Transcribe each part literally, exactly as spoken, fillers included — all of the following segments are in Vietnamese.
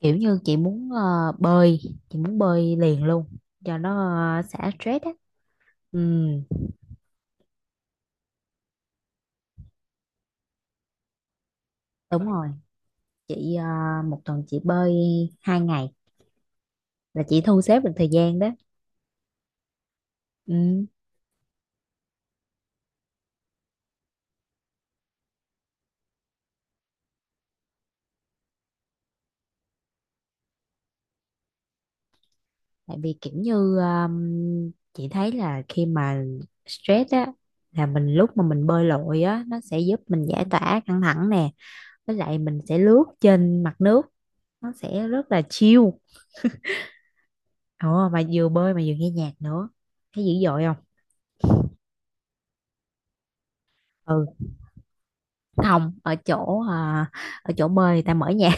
Kiểu như chị muốn ờ, bơi, chị muốn bơi liền luôn cho nó uh, xả stress á. Ừ. Đúng rồi. Chị ờ, một tuần chị bơi hai ngày, là chị thu xếp được thời gian đó. Ừ. Tại vì kiểu như um, chị thấy là khi mà stress á, là mình lúc mà mình bơi lội á nó sẽ giúp mình giải tỏa căng thẳng nè, với lại mình sẽ lướt trên mặt nước, nó sẽ rất là chill. Ồ mà vừa bơi mà vừa nghe nhạc nữa, thấy dữ dội. Không. Không, ở chỗ à, ở chỗ bơi người ta mở nhạc.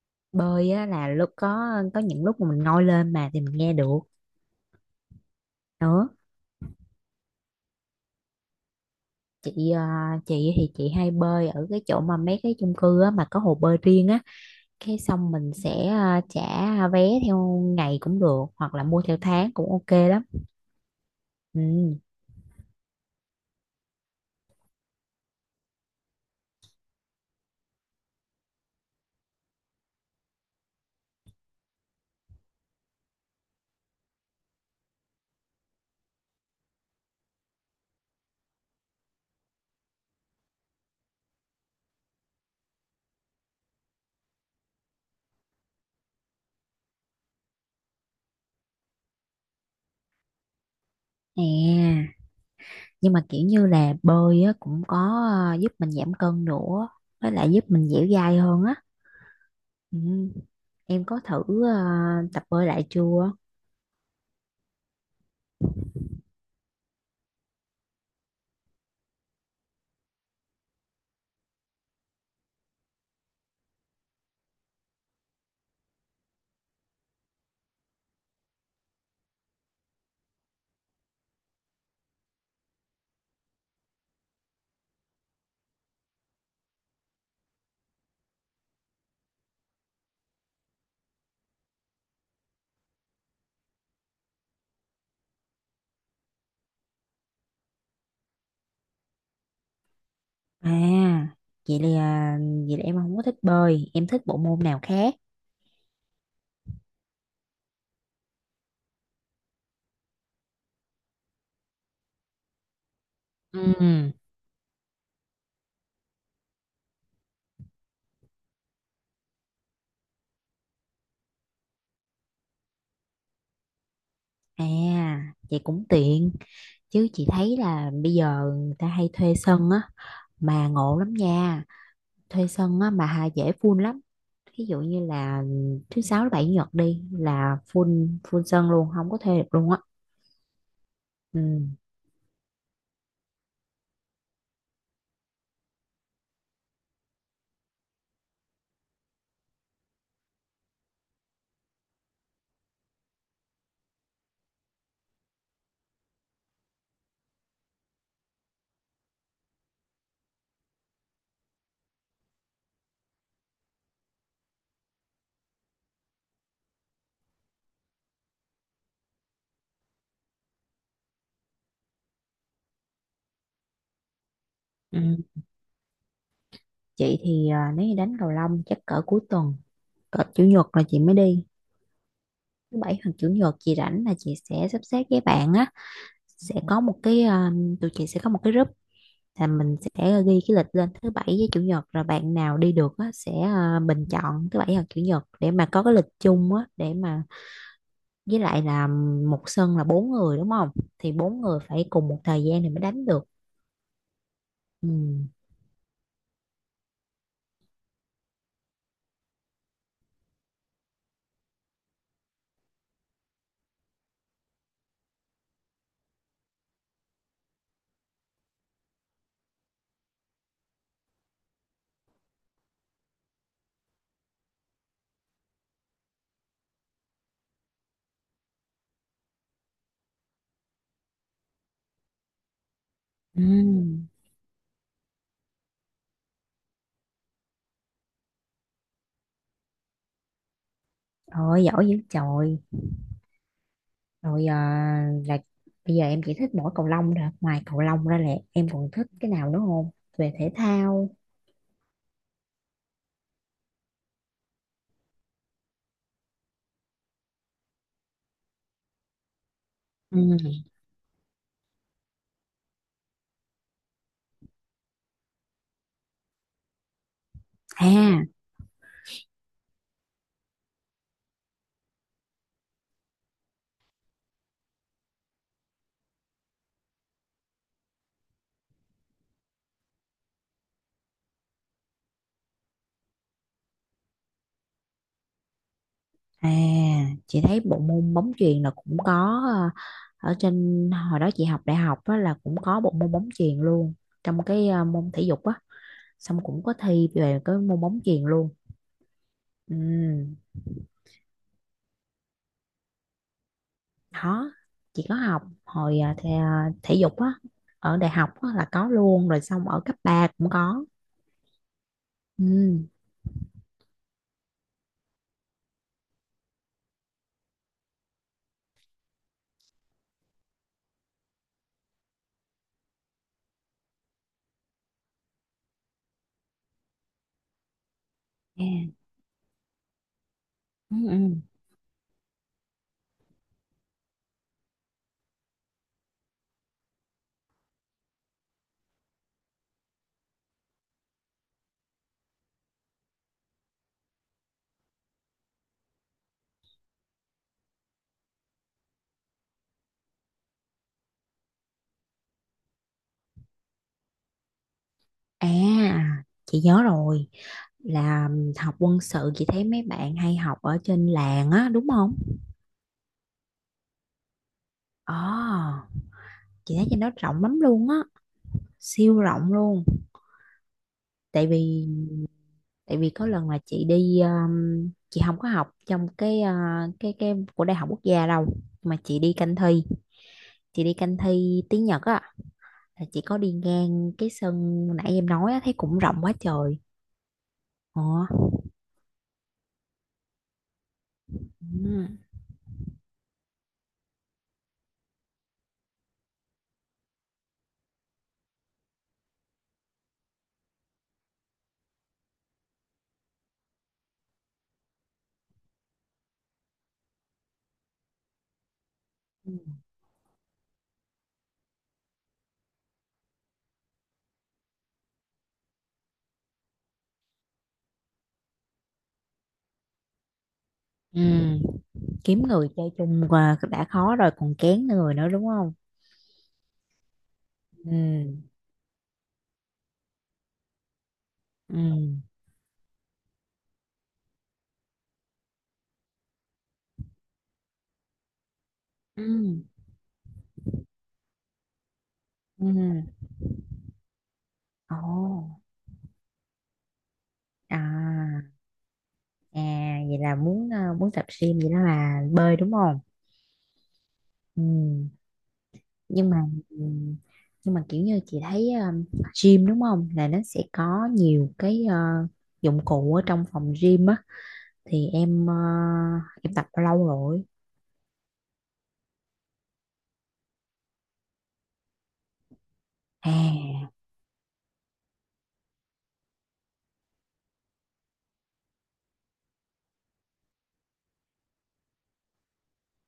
Bơi á, là lúc có có những lúc mà mình ngồi lên mà thì mình nghe được nữa. Chị à, chị thì chị hay bơi ở cái chỗ mà mấy cái chung cư á, mà có hồ bơi riêng á, cái xong mình sẽ à, trả vé theo ngày cũng được, hoặc là mua theo tháng cũng ok lắm. Ừ. Nè, nhưng mà kiểu như là bơi á, cũng có à, giúp mình giảm cân nữa, với lại giúp mình dẻo dai hơn á. Ừ. Em có thử à, tập bơi lại chưa? À, vậy là vậy là em không có thích bơi, em thích bộ môn nào khác. Ừ. À, vậy cũng tiện, chứ chị thấy là bây giờ người ta hay thuê sân á, mà ngộ lắm nha. Thuê sân á mà hà dễ full lắm. Ví dụ như là thứ sáu, thứ bảy, chủ nhật đi là full full sân luôn, không có thuê được luôn á. Ừ. Ừ. Chị thì à, nếu như đánh cầu lông chắc cỡ cuối tuần, cỡ chủ nhật là chị mới đi. Thứ bảy hoặc chủ nhật chị rảnh là chị sẽ sắp xếp với bạn á, sẽ có một cái à, tụi chị sẽ có một cái group, là mình sẽ ghi cái lịch lên thứ bảy với chủ nhật, rồi bạn nào đi được á, sẽ à, bình chọn thứ bảy hoặc chủ nhật để mà có cái lịch chung á để mà, với lại là một sân là bốn người đúng không, thì bốn người phải cùng một thời gian thì mới đánh được. Ừ. Ừ. Ôi giỏi dữ trời. Rồi à, là bây giờ em chỉ thích mỗi cầu lông thôi, ngoài cầu lông ra là em còn thích cái nào nữa không, về thể thao? Ừ. À. À, chị thấy bộ môn bóng chuyền là cũng có ờ, ở trên hồi đó chị học đại học á, là cũng có bộ môn bóng chuyền luôn, trong cái ờ, môn thể dục á, xong cũng có thi về cái môn bóng chuyền luôn. Ừ. Đó, chị có học hồi ờ, thể, thể dục á ở đại học á, là có luôn, rồi xong ở cấp ba cũng có. Ừ, à, ừ, ừ. À, chị nhớ rồi, là học quân sự chị thấy mấy bạn hay học ở trên làng á đúng không? Ờ, chị thấy trên đó rộng lắm luôn á, siêu rộng luôn. Tại vì tại vì có lần là chị đi um, chị không có học trong cái uh, cái cái của đại học quốc gia đâu, mà chị đi canh thi chị đi canh thi tiếng Nhật á, là chị có đi ngang cái sân nãy em nói á, thấy cũng rộng quá trời. Ờ. Ừ. Ừ. Kiếm người chơi chung là đã khó rồi còn kén người nữa đúng không? Ừ. Ừ. Ừ. Ừ. Ồ. À. À, vậy là muốn ờ, muốn tập gym, vậy đó là bơi đúng không? Ừ. Nhưng mà nhưng mà kiểu như chị thấy ừm, gym đúng không? Là nó sẽ có nhiều cái ờ, dụng cụ ở trong phòng gym á, thì em ờ, em tập bao lâu rồi? À.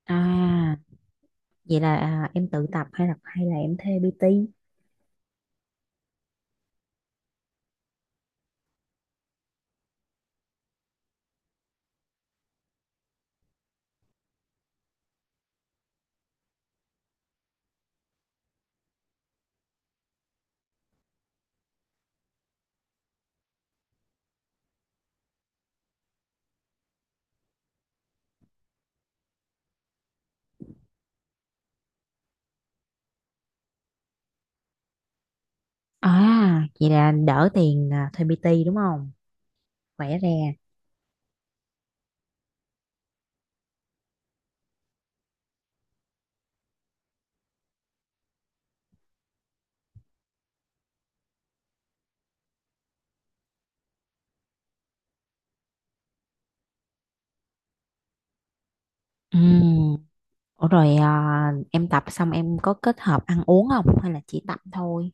À, vậy là à, em tự tập hay là hay là em thuê pê tê? À, vậy là đỡ tiền à, thuê pi ti đúng không? Khỏe ra. Ừ. Ủa rồi à, em tập xong em có kết hợp ăn uống không, hay là chỉ tập thôi?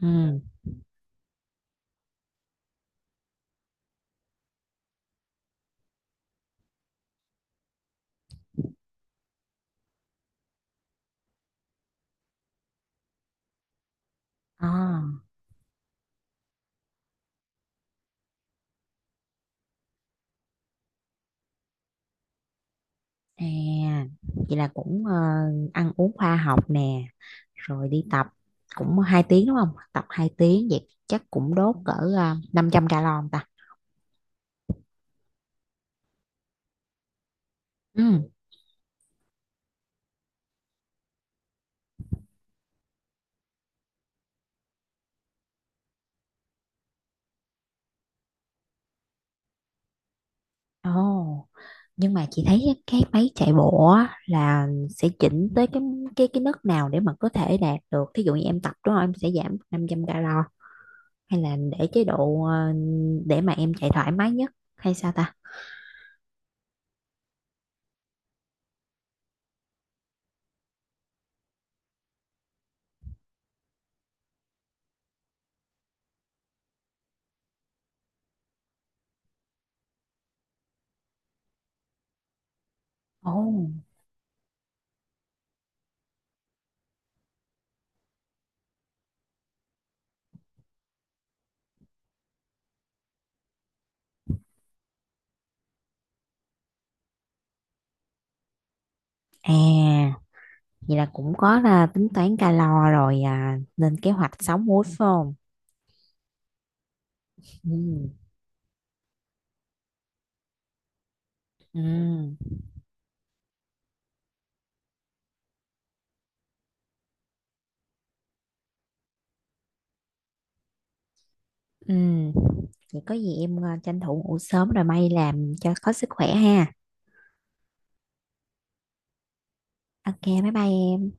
Ừ. À, à, vậy là cũng ờ, ăn uống khoa học nè, rồi đi tập cũng hai tiếng đúng không? Tập hai tiếng vậy chắc cũng đốt cỡ ờ, năm trăm calo không ta. Ừ. Ồ, nhưng mà chị thấy cái máy chạy bộ á, là sẽ chỉnh tới cái cái cái mức nào để mà có thể đạt được. Thí dụ như em tập đúng không? Em sẽ giảm năm trăm calo, hay là để chế độ ờ, để mà em chạy thoải mái nhất, hay sao ta? Ồ. À, vậy là cũng có là tính toán calo rồi à, nên kế hoạch sống muối phải không? Ừ. Ừ. Ừ. Vậy có gì em ờ, tranh thủ ngủ sớm rồi may làm cho có sức khỏe ha. Ok, bye bye em.